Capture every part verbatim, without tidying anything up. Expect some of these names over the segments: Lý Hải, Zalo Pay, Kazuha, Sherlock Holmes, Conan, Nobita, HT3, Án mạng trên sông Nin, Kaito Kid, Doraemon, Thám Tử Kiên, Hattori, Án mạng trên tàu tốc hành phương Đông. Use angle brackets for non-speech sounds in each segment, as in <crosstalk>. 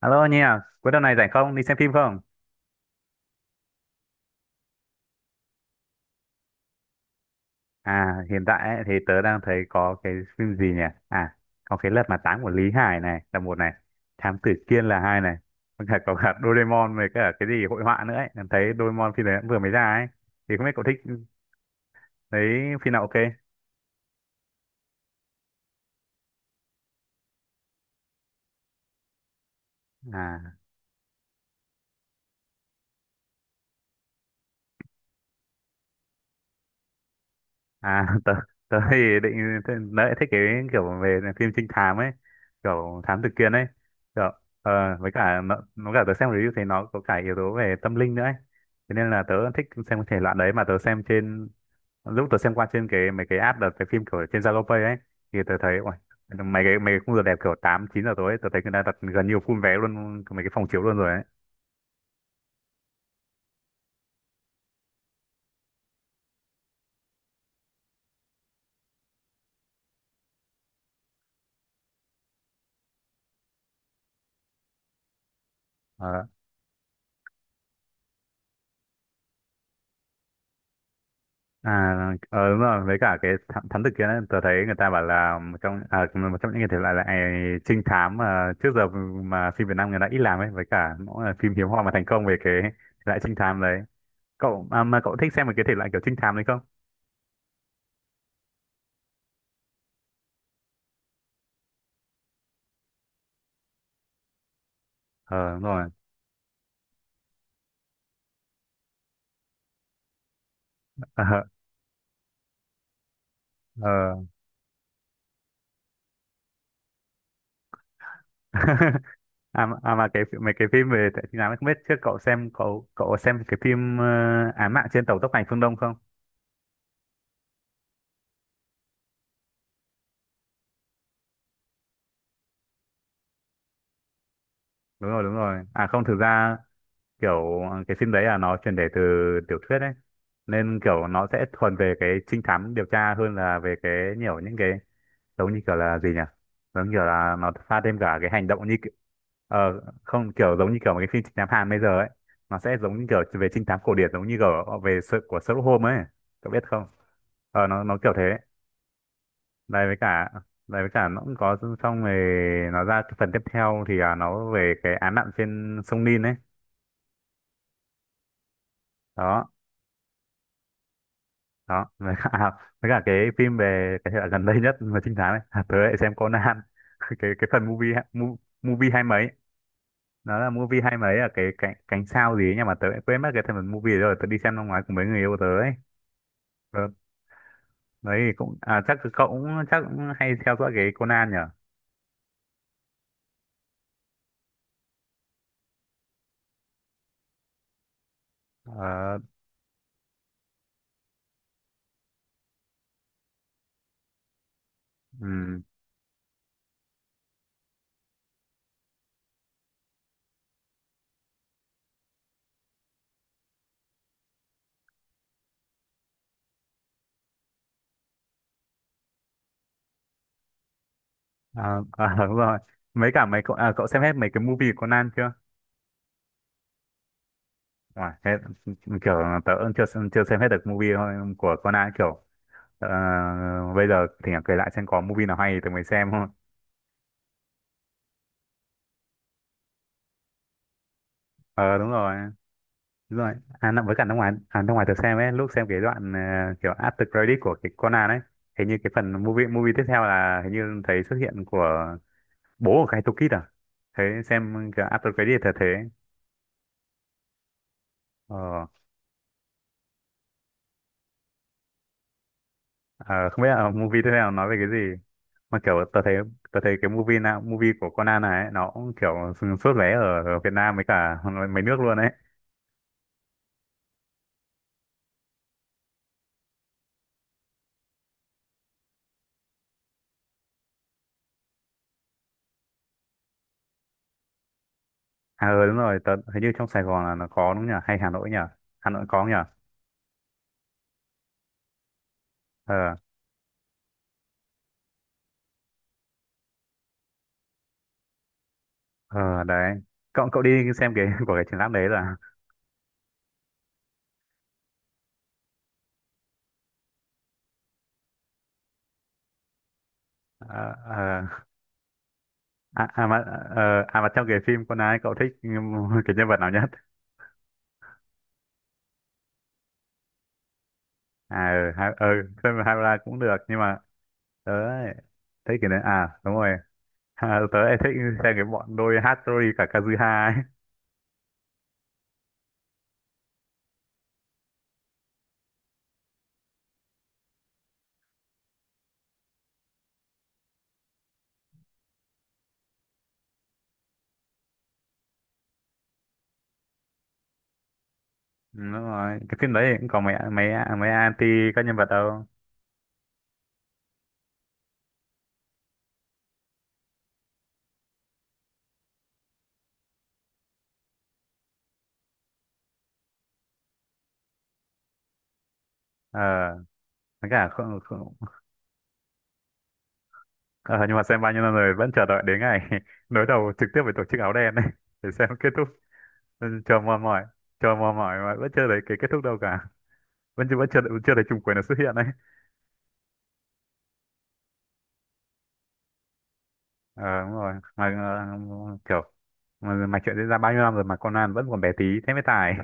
Alo Nhi à, cuối tuần này rảnh không? Đi xem phim không? À, hiện tại ấy, thì tớ đang thấy có cái phim gì nhỉ? À, có cái Lật Mặt Tám của Lý Hải này là một này, Thám Tử Kiên là hai này, còn cả có cả Doraemon với cả cái gì hội họa nữa ấy. Em thấy Doraemon phim đấy cũng vừa mới ra ấy. Thì không biết cậu thích ừ, thấy phim nào ok? à À, <laughs> tớ, tớ thì định thế- tớ thích cái kiểu về phim trinh thám ấy, kiểu thám tử Kiên ấy. Kiểu, ờ, với cả nó, nó cả tớ xem review thì nó có cả yếu tố về tâm linh nữa ấy. Thế nên là tớ thích xem thể loại đấy mà tớ xem trên lúc tớ xem qua trên cái mấy cái app đợt cái phim kiểu trên Zalo Pay ấy thì tớ thấy ôi, mấy cái mấy cái khung giờ đẹp kiểu tám chín giờ tối ấy, tớ thấy người ta đặt gần như full vé luôn mấy cái phòng chiếu luôn rồi ấy. Ờ, À, ờ, đúng rồi, với cả cái thám, thám tử kia đấy, tớ thấy người ta bảo là một trong à, một trong những cái thể loại là à, trinh thám mà trước giờ mà phim Việt Nam người ta ít làm ấy, với cả mỗi là phim hiếm hoi mà thành công về cái <laughs> thể loại trinh thám đấy. Cậu à, mà cậu thích xem một cái thể loại kiểu trinh thám đấy không? Ờ, đúng rồi. Ờ, ờ. <laughs> À, mà- à mà cái mấy cái phim về trinh thám ấy, không biết trước cậu xem cậu cậu xem cái phim ờ, Án mạng trên tàu tốc hành phương Đông không? Đúng rồi, đúng rồi. À không, thực ra kiểu cái phim đấy là nó chuyển thể từ tiểu thuyết ấy, nên kiểu nó sẽ thuần về cái trinh thám điều tra hơn là về cái nhiều những cái giống như kiểu là gì nhỉ, giống như kiểu là nó pha thêm cả cái hành động như kiểu, ờ, không, kiểu giống như kiểu một cái phim trinh thám Hàn bây giờ ấy, nó sẽ giống như kiểu về trinh thám cổ điển giống như kiểu về sự của Sherlock Holmes ấy, cậu biết không? Ờ nó nó kiểu thế. đây với cả Đây với cả nó cũng có, xong rồi nó ra cái phần tiếp theo thì à, nó về cái án mạng trên sông Nin ấy đó. Đó với cả <laughs> à, với cả cái phim về cái hệ gần đây nhất mà trinh thám ấy, à, tớ lại xem Conan. <laughs> cái cái phần movie hai- mu- movie hai mấy, nó là movie hai mấy là cái cánh cánh sao gì ấy, nhưng mà tớ lại quên mất cái phần movie đấy rồi. Tớ đi xem năm ngoái cùng mấy người yêu tớ ấy. Ờ, đấy thì cũng à, chắc cậu cũng chắc cũng hay theo dõi cái Conan nhở. Ờ, ừ. À, à, <laughs> đúng rồi. Mấy cả mấy Cậu, à, cậu xem hết mấy cái movie của Conan chưa? Wow, hết, kiểu tớ cũng chưa chưa xem hết được movie thôi của Conan kiểu ờ, bây giờ thì kể lại xem có movie nào hay thì tớ mới xem thôi. Ờ đúng rồi. Đúng rồi. À năm- với cả năm ngoái, à, năm ngoái tớ xem ấy, lúc xem cái đoạn ờ, kiểu after credit của cái Conan ấy, hình như cái phần movie movie tiếp theo là hình như thấy xuất hiện của bố của Kaito Kid à? Thế xem cái after credit là thế. Ờ. Ờ, không biết là movie tiếp theo nói về cái gì, mà kiểu tớ thấy tớ thấy cái movie nào movie của Conan này ấy, nó cũng kiểu sốt vé ở ở Việt Nam với cả <laughs> mấy nước luôn đấy. À ừ, đúng rồi, tớ hình như trong Sài Gòn là nó có đúng nhỉ, hay Hà Nội nhỉ? Hà Nội có nhỉ. Ờ, ờ, đấy, cậu cậu đi xem cái <laughs> của cái triển lãm đấy rồi à? Ờ, ờ. à, à mà ờ, À mà trong cái phim Conan ấy, cậu thích <laughs> cái nhân vật nào nhất? À ừ, ha, ừ, Hera cũng được nhưng mà tớ ấy, thấy cái đấy à đúng rồi. À, tớ lại thích xem cái bọn đôi Hattori cả Kazuha ấy. Ừ, đúng rồi. Cái phim đấy cũng có mấy mấy mấy anti các nhân vật đâu. Ờ, với cả không, không. Ờ, nhưng mà xem bao nhiêu năm rồi vẫn chờ đợi đến ngày <laughs> đối đầu trực tiếp với tổ chức áo đen ấy <laughs> để xem kết thúc. Ừ, chờ mòn mỏi, chờ mòn mỏi mà vẫn chưa thấy cái kết thúc đâu cả. Vẫn chưa vẫn chưa Chưa thấy trùng quyền nó xuất hiện đấy. Ờ, đúng rồi. Mà ờ, kiểu mà, mà chuyện diễn ra bao nhiêu năm rồi mà Conan vẫn còn bé tí thế mới tài.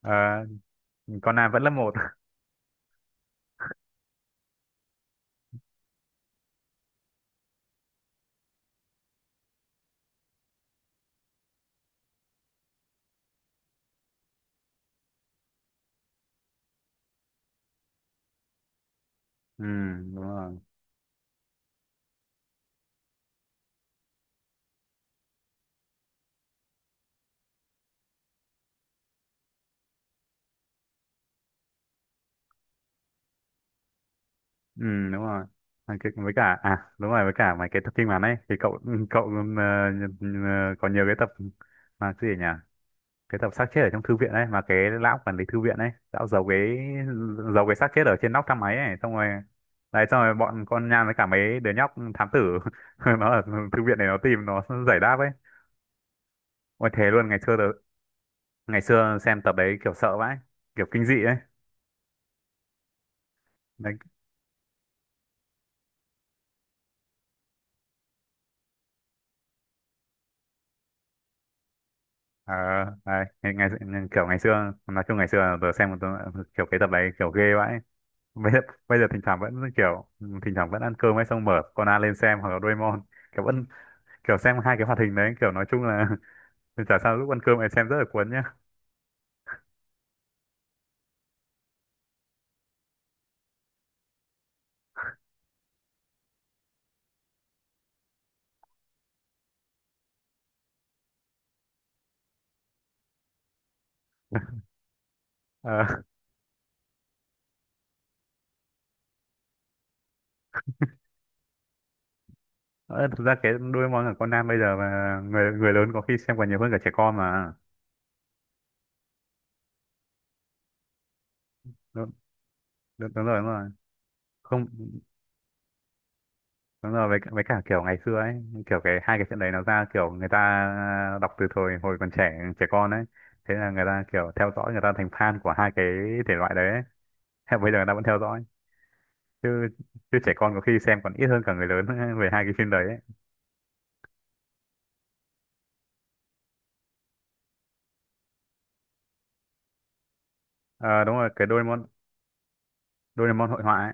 Ờ, Conan vẫn lớp một. <laughs> Ừ, đúng rồi. Ừ, đúng rồi. À, cái, với cả à đúng rồi với cả mấy cái tập phim ngắn ấy thì cậu <laughs> cậu ừm, ờ, ừ, ờ, có nhiều cái tập mà cái gì nhỉ? Cái tập xác chết ở trong thư viện ấy, mà cái lão quản lý thư viện ấy, lão giấu cái giấu cái xác chết ở trên nóc thang máy ấy, xong rồi đấy, xong rồi bọn con nhang với cả mấy đứa nhóc thám tử <laughs> nó ở thư viện này, nó tìm nó giải đáp ấy. Ôi thế luôn, ngày xưa tớ- ngày xưa xem tập đấy kiểu sợ vãi, kiểu kinh dị ấy. Ờ, đấy, ngày, ngày, kiểu ngày xưa nói chung ngày xưa là tớ xem một tớ, kiểu cái tập đấy kiểu ghê vãi, bây giờ bây giờ thỉnh thoảng vẫn kiểu, thỉnh thoảng vẫn ăn cơm ấy xong mở Conan lên xem hoặc là Doraemon, kiểu vẫn kiểu xem hai cái hoạt hình đấy, kiểu nói chung là <laughs> chả sao, lúc ăn cơm ấy xem rất là cuốn nhá. Ờ, ờ, thực ra cái Doraemon của Conan bây giờ mà người người lớn có khi xem còn nhiều hơn cả trẻ con mà. đúng, đúng, Đúng rồi, đúng rồi. Không, đúng rồi, với, cả- với cả kiểu ngày xưa ấy, kiểu cái hai cái chuyện đấy nó ra, kiểu người ta đọc từ thời hồi còn trẻ trẻ con ấy. Thế là người ta kiểu theo dõi, người ta thành fan của hai cái thể loại đấy ấy. Hay bây giờ người ta vẫn theo dõi. Chứ Chứ trẻ con có khi xem còn ít hơn cả người lớn <laughs> về hai cái phim đấy ấy. Ờ, đúng rồi, cái Doraemon Doraemon hội họa ấy.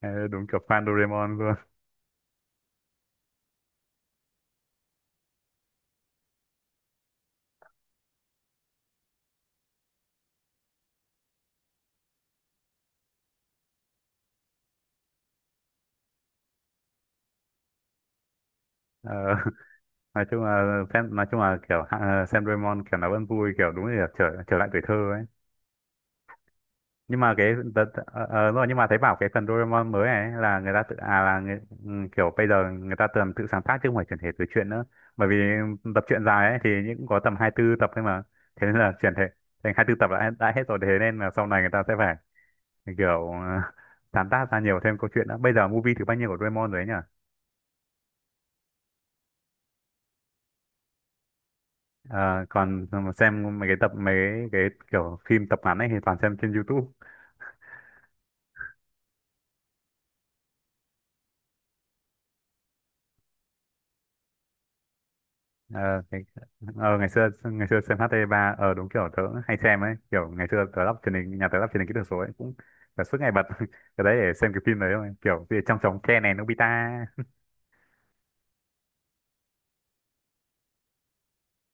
Ờ, đúng kiểu fan Doraemon luôn. Ờ, <laughs> nói chung là xem nói chung là kiểu ờ, xem Doraemon kiểu nó vẫn vui, kiểu đúng là trở trở lại tuổi thơ ấy. Nhưng mà cái tớ, tớ, ờ, ờ, đúng rồi, nhưng mà thấy bảo cái phần Doraemon mới này ấy là người ta tự à là người, ừ, kiểu bây giờ người ta tưởng tự sáng tác chứ không phải chuyển thể từ truyện nữa, bởi vì tập truyện dài ấy thì những có tầm hai tư tập thôi mà, thế nên là chuyển thể thành hai tư tập đã, đã hết rồi, thế nên là sau này người ta sẽ phải kiểu <laughs> ờ, sáng tác ra nhiều thêm câu chuyện nữa. Bây giờ movie thứ bao nhiêu của Doraemon rồi ấy nhỉ? Ờ, còn xem mấy cái tập mấy cái kiểu phim tập ngắn ấy thì toàn xem trên YouTube. ờ, cái, ờ, Ngày xưa, ngày xưa xem hát tê ba, ờ đúng, kiểu tớ hay xem ấy, kiểu ngày xưa tớ lắp truyền hình nhà tớ lắp truyền hình kỹ thuật số ấy, cũng tớ suốt ngày bật <laughs> cái đấy để xem cái phim đấy thôi, kiểu gì trong trống tre này, Nobita.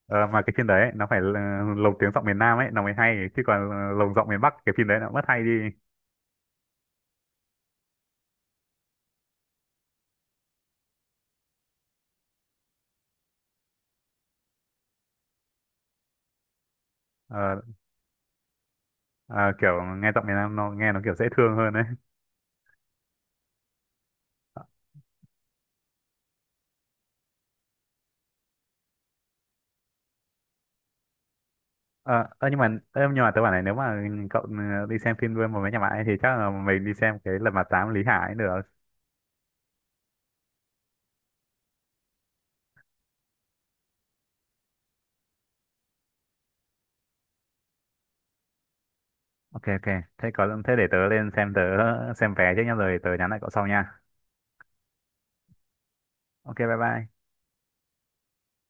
Ờ, mà cái phim đấy ấy, nó phải là lồng tiếng giọng miền Nam ấy nó mới hay, chứ còn ờ, lồng giọng miền Bắc cái phim đấy nó mất hay đi. Ờ, ờ, kiểu nghe giọng miền Nam nó nghe nó kiểu dễ thương hơn đấy. Ờ, ơ, nhưng mà ơ, nhưng mà tớ bảo này, nếu mà cậu ừ, đi xem phim với một mấy nhà bạn ấy thì chắc là mình đi xem cái Lật Mặt Tám Lý Hải ấy được. Ok ok, thế có thế để tớ lên xem, tớ xem vé trước nhá rồi tớ nhắn lại cậu sau nha. Ok, bye bye.